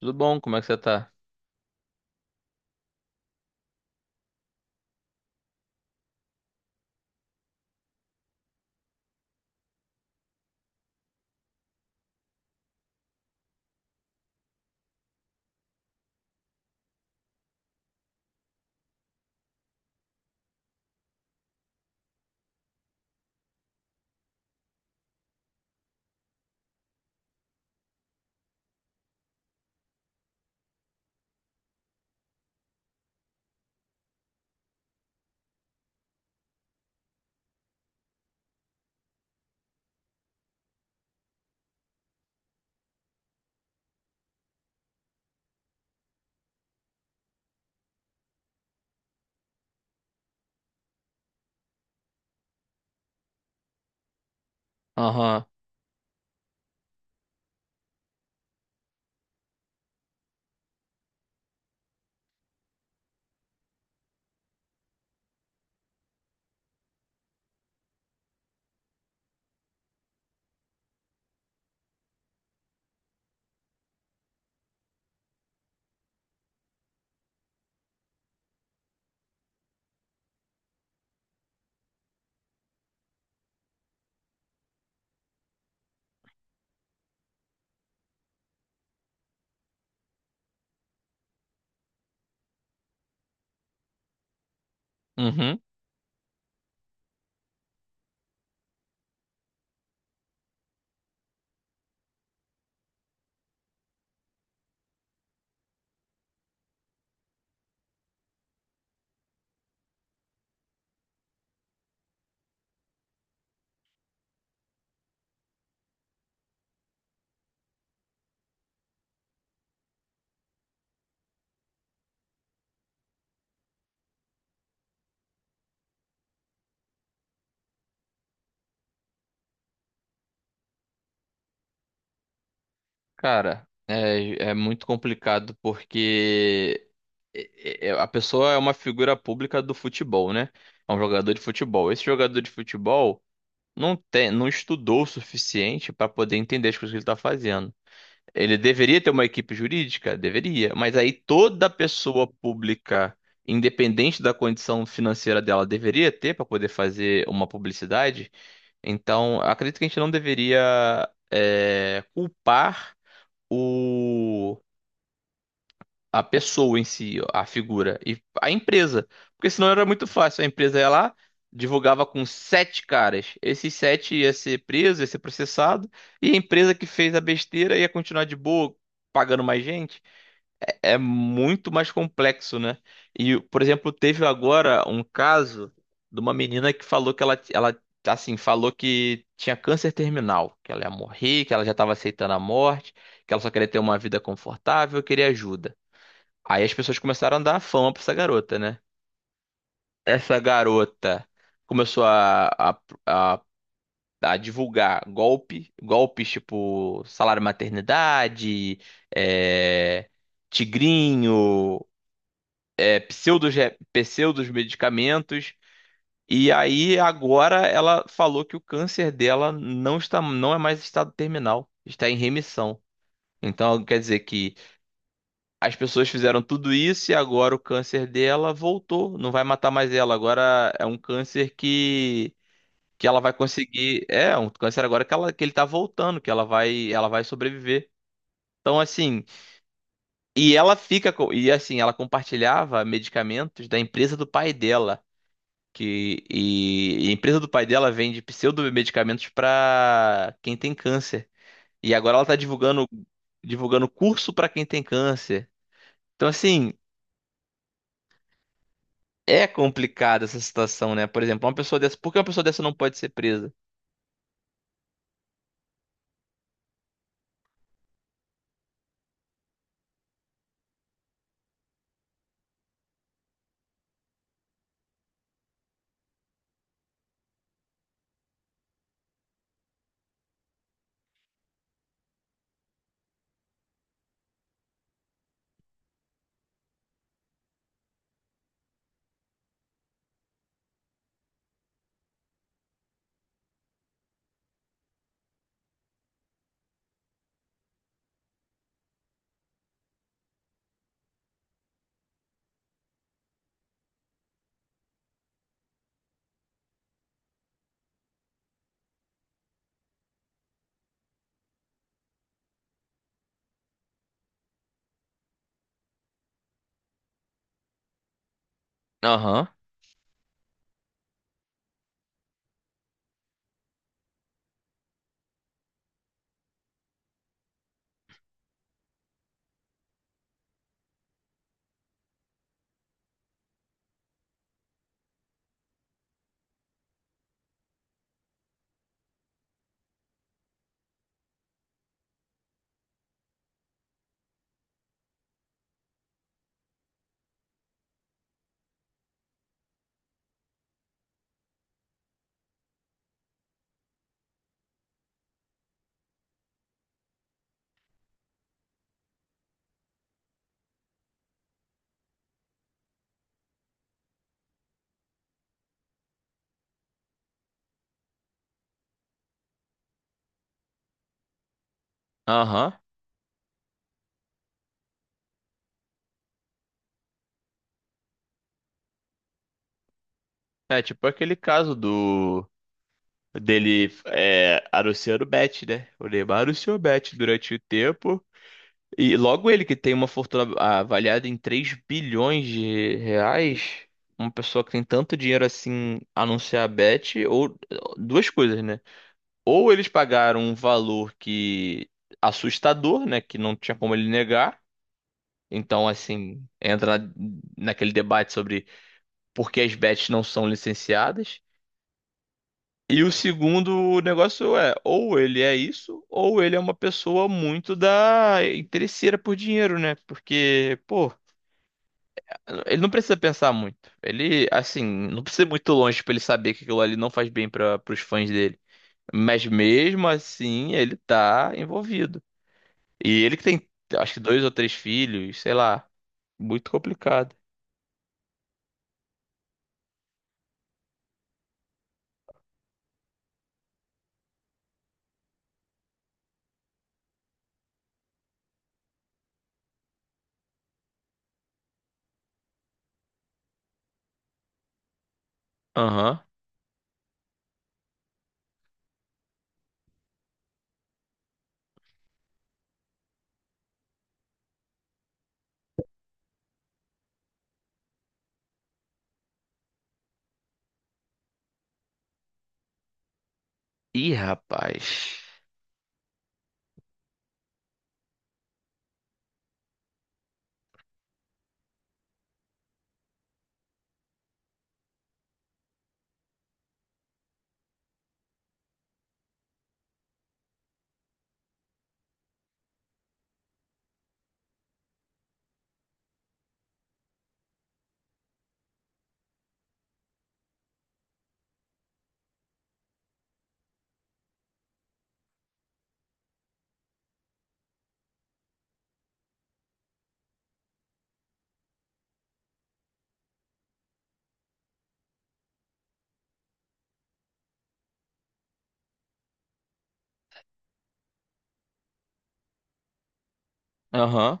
Tudo bom? Como é que você tá? Aham. Uhum. Cara, é, muito complicado porque a pessoa é uma figura pública do futebol, né? É um jogador de futebol. Esse jogador de futebol não tem, não estudou o suficiente para poder entender as coisas que ele tá fazendo. Ele deveria ter uma equipe jurídica? Deveria. Mas aí toda pessoa pública, independente da condição financeira dela, deveria ter para poder fazer uma publicidade? Então, eu acredito que a gente não deveria culpar o, a pessoa em si, a figura, e a empresa. Porque senão era muito fácil. A empresa ia lá, divulgava com sete caras. Esses sete ia ser preso, ia ser processado, e a empresa que fez a besteira ia continuar de boa, pagando mais gente. É muito mais complexo, né? E, por exemplo, teve agora um caso de uma menina que falou que ela assim, falou que tinha câncer terminal, que ela ia morrer, que ela já estava aceitando a morte, que ela só queria ter uma vida confortável, queria ajuda. Aí as pessoas começaram a dar fama pra essa garota, né? Essa garota começou a, a, a divulgar golpe, golpes tipo salário maternidade, é, tigrinho, pseudos, pseudos medicamentos. E aí agora ela falou que o câncer dela não está, não é mais estado terminal, está em remissão. Então quer dizer que as pessoas fizeram tudo isso e agora o câncer dela voltou, não vai matar mais ela. Agora é um câncer que ela vai conseguir, é um câncer agora que ela que ele tá voltando, que ela vai sobreviver. Então assim, e assim, ela compartilhava medicamentos da empresa do pai dela. E a empresa do pai dela vende pseudomedicamentos para quem tem câncer. E agora ela tá divulgando, divulgando curso para quem tem câncer. Então, assim, é complicada essa situação, né? Por exemplo, uma pessoa dessa. Por que uma pessoa dessa não pode ser presa? Aham, aham. É tipo aquele caso do. Dele anunciando bet, né? O Neymar anunciou bet durante o tempo. E logo ele que tem uma fortuna avaliada em R$ 3 bilhões, uma pessoa que tem tanto dinheiro assim anunciar a bet, ou duas coisas, né? Ou eles pagaram um valor que assustador, né, que não tinha como ele negar. Então, assim, naquele debate sobre por que as bets não são licenciadas. E o segundo negócio é, ou ele é isso, ou ele é uma pessoa muito da interesseira por dinheiro, né? Porque, pô, ele não precisa pensar muito. Ele, assim, não precisa ir muito longe pra ele saber que aquilo ali não faz bem para os fãs dele. Mas mesmo assim, ele tá envolvido. E ele que tem, acho que dois ou três filhos, sei lá. Muito complicado. Aham. Ih, rapaz. Aham.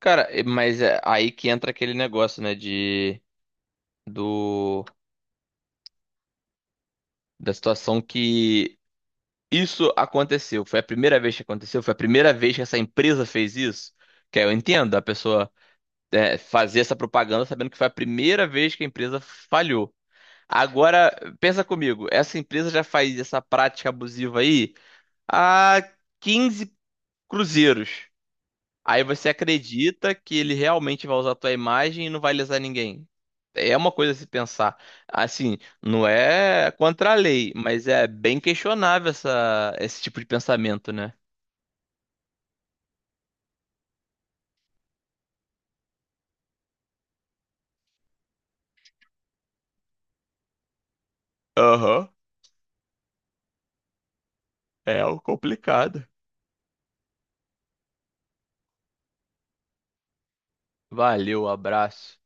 Cara, mas é aí que entra aquele negócio, né, de do da situação que isso aconteceu. Foi a primeira vez que aconteceu, foi a primeira vez que essa empresa fez isso. Que aí eu entendo, a pessoa fazer essa propaganda sabendo que foi a primeira vez que a empresa falhou. Agora, pensa comigo, essa empresa já faz essa prática abusiva aí há 15 cruzeiros. Aí você acredita que ele realmente vai usar a tua imagem e não vai lesar ninguém. É uma coisa a se pensar. Assim, não é contra a lei, mas é bem questionável essa, esse tipo de pensamento, né? Aham, é o complicado. Valeu, abraço.